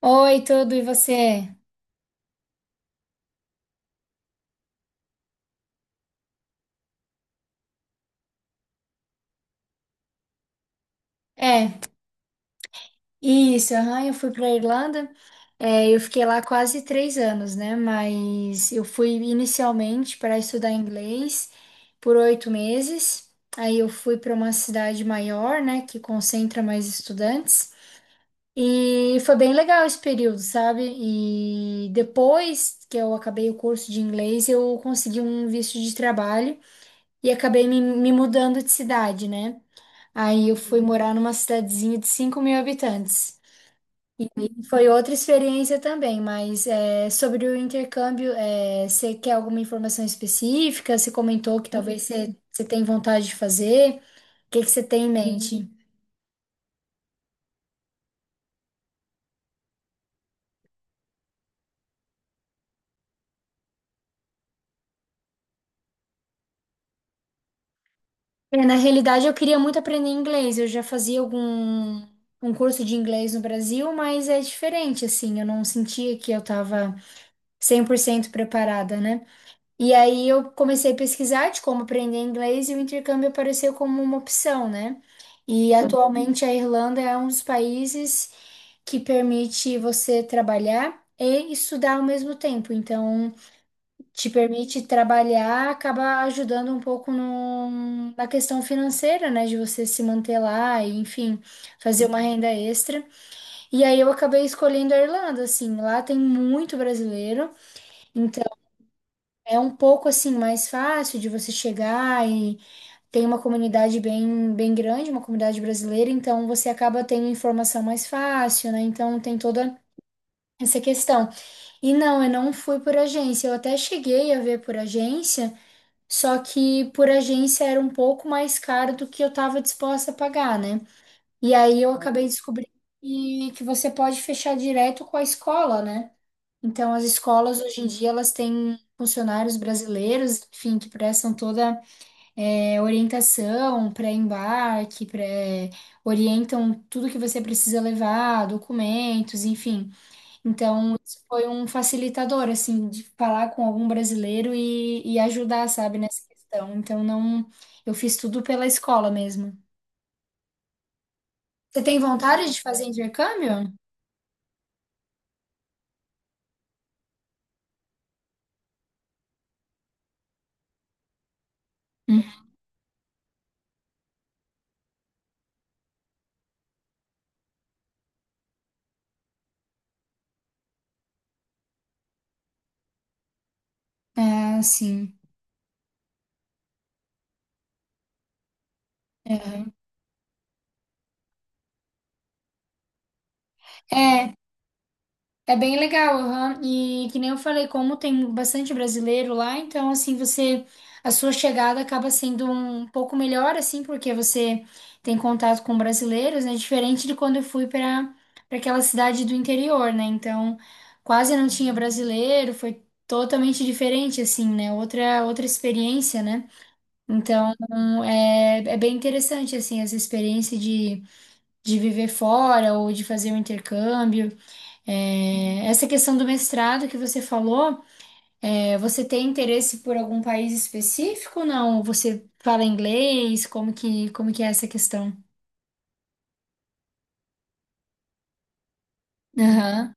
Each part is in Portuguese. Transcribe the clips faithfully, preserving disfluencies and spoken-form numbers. Oi, tudo, e você? É, isso, aham, eu fui para Irlanda, é, eu fiquei lá quase três anos, né? Mas eu fui inicialmente para estudar inglês por oito meses, aí eu fui para uma cidade maior, né, que concentra mais estudantes, e foi bem legal esse período, sabe? E depois que eu acabei o curso de inglês, eu consegui um visto de trabalho e acabei me me mudando de cidade, né? Aí eu fui morar numa cidadezinha de cinco mil habitantes. Foi outra experiência também, mas é, sobre o intercâmbio, é, você quer alguma informação específica? Você comentou que talvez você, você tem vontade de fazer. O que que você tem em mente? É, na realidade, eu queria muito aprender inglês. Eu já fazia algum um curso de inglês no Brasil, mas é diferente, assim. Eu não sentia que eu estava cem por cento preparada, né? E aí eu comecei a pesquisar de como aprender inglês e o intercâmbio apareceu como uma opção, né? E, uhum, atualmente a Irlanda é um dos países que permite você trabalhar e estudar ao mesmo tempo. Então, te permite trabalhar, acaba ajudando um pouco no- na questão financeira, né? De você se manter lá e, enfim, fazer uma renda extra. E aí eu acabei escolhendo a Irlanda, assim, lá tem muito brasileiro. É um pouco assim mais fácil de você chegar e tem uma comunidade bem, bem grande, uma comunidade brasileira, então você acaba tendo informação mais fácil, né? Então tem toda essa questão. E não, eu não fui por agência, eu até cheguei a ver por agência, só que por agência era um pouco mais caro do que eu estava disposta a pagar, né? E aí eu acabei descobrindo que, que você pode fechar direto com a escola, né? Então, as escolas hoje em dia elas têm funcionários brasileiros, enfim, que prestam toda eh, orientação, pré-embarque, pré... orientam tudo que você precisa levar, documentos, enfim. Então, isso foi um facilitador, assim, de falar com algum brasileiro e, e ajudar, sabe, nessa questão. Então, não, eu fiz tudo pela escola mesmo. Você tem vontade de fazer intercâmbio? Hum. Ah, sim. Aham. É, é bem legal, aham. E que nem eu falei, como tem bastante brasileiro lá, então assim, você a sua chegada acaba sendo um pouco melhor assim, porque você tem contato com brasileiros, né? Diferente de quando eu fui para para aquela cidade do interior, né? Então, quase não tinha brasileiro, foi totalmente diferente assim, né? Outra outra experiência, né? Então, é, é bem interessante assim essa experiência de de viver fora ou de fazer um intercâmbio. É, essa questão do mestrado que você falou, é, você tem interesse por algum país específico ou não? Você fala inglês? Como que, como que é essa questão? Aham.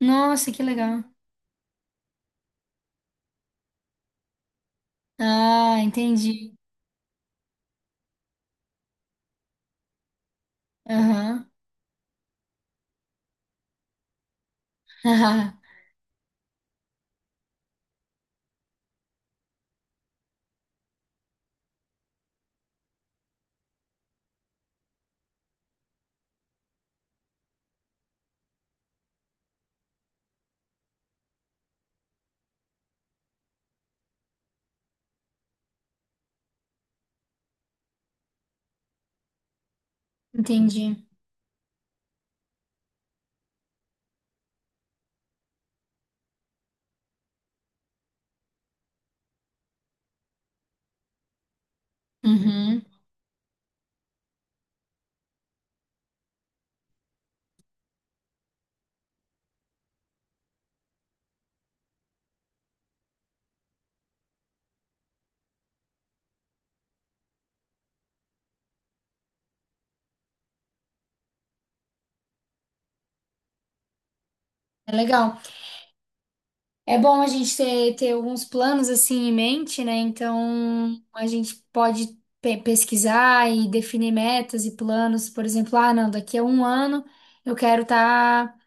Nossa, que legal. Ah, entendi. Aham. Entendi. Uhum. É legal. É bom a gente ter, ter alguns planos assim em mente, né? Então a gente pode pe- pesquisar e definir metas e planos. Por exemplo, ah, não, daqui a um ano eu quero estar tá,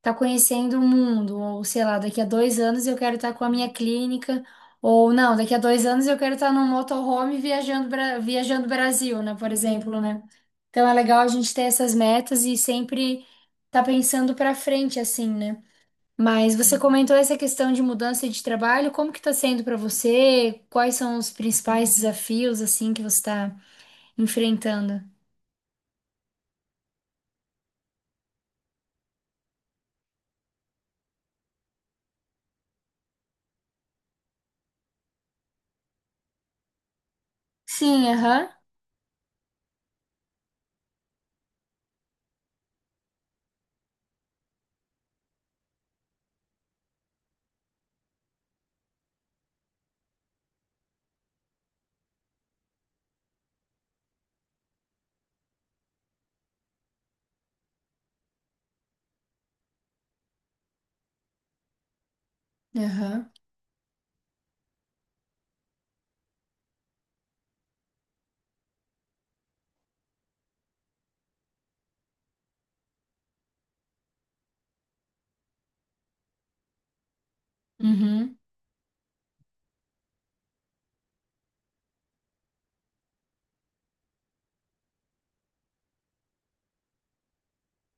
tá conhecendo o mundo, ou sei lá, daqui a dois anos eu quero estar com a minha clínica, ou não, daqui a dois anos eu quero estar tá num motorhome viajando, Bra- viajando Brasil, né? Por exemplo, né? Então é legal a gente ter essas metas e sempre tá pensando pra frente, assim, né? Mas você comentou essa questão de mudança de trabalho, como que está sendo para você? Quais são os principais desafios assim que você está enfrentando? Sim, aham. Aham. Uhum.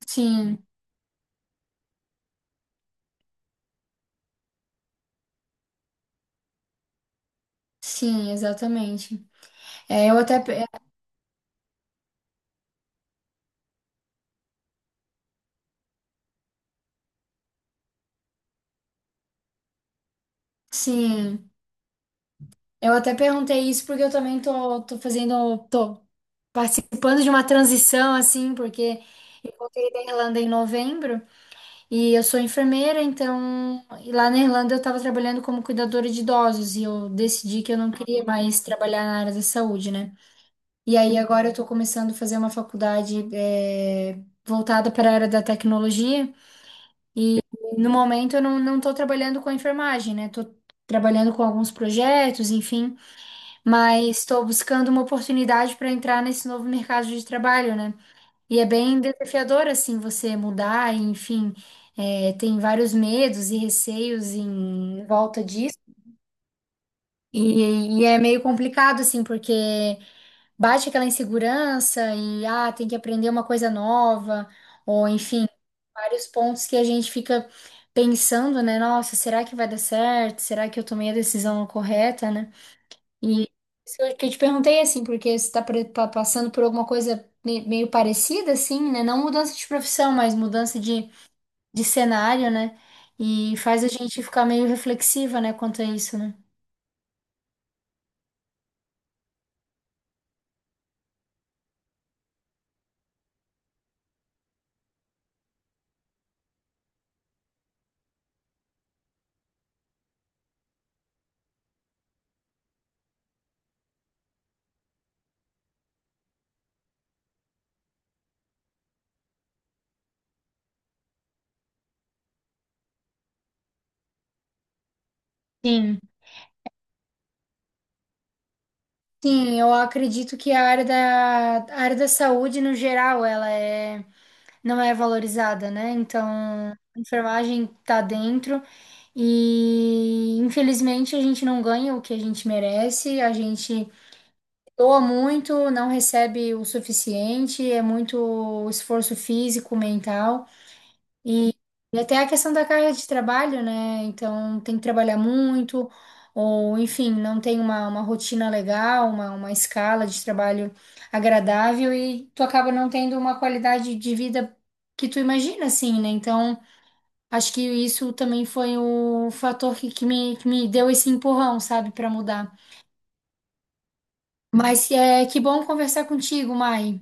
Sim, sim, exatamente. É, eu até, pe- sim, eu até perguntei isso porque eu também tô, tô fazendo, tô participando de uma transição assim, porque eu voltei da Irlanda em novembro. E eu sou enfermeira, então e lá na Irlanda eu estava trabalhando como cuidadora de idosos e eu decidi que eu não queria mais trabalhar na área da saúde, né? E aí agora eu estou começando a fazer uma faculdade eh, voltada para a área da tecnologia e no momento eu não não estou trabalhando com a enfermagem, né? Estou trabalhando com alguns projetos, enfim, mas estou buscando uma oportunidade para entrar nesse novo mercado de trabalho, né? E é bem desafiador, assim, você mudar, e, enfim, é, tem vários medos e receios em volta disso. E, e é meio complicado, assim, porque bate aquela insegurança e, ah, tem que aprender uma coisa nova, ou, enfim, vários pontos que a gente fica pensando, né? Nossa, será que vai dar certo? Será que eu tomei a decisão correta, né? E isso que eu que eu te perguntei assim, porque você está passando por alguma coisa me- meio parecida, assim, né? Não mudança de profissão, mas mudança de, de cenário, né? E faz a gente ficar meio reflexiva, né, quanto a isso, né? Sim. Sim, eu acredito que a área da, a área da saúde, no geral, ela é, não é valorizada, né? Então, a enfermagem tá dentro e, infelizmente, a gente não ganha o que a gente merece, a gente doa muito, não recebe o suficiente, é muito esforço físico, mental e, e até a questão da carga de trabalho, né? Então tem que trabalhar muito, ou enfim, não tem uma, uma rotina legal, uma, uma escala de trabalho agradável e tu acaba não tendo uma qualidade de vida que tu imagina, assim, né? Então acho que isso também foi o fator que, que me, que me deu esse empurrão, sabe, para mudar. Mas é que bom conversar contigo, Mai.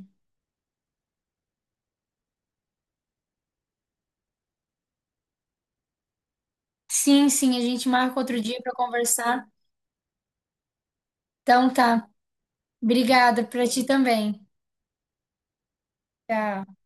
Sim, sim, a gente marca outro dia para conversar. Então tá. Obrigada para ti também. Tchau.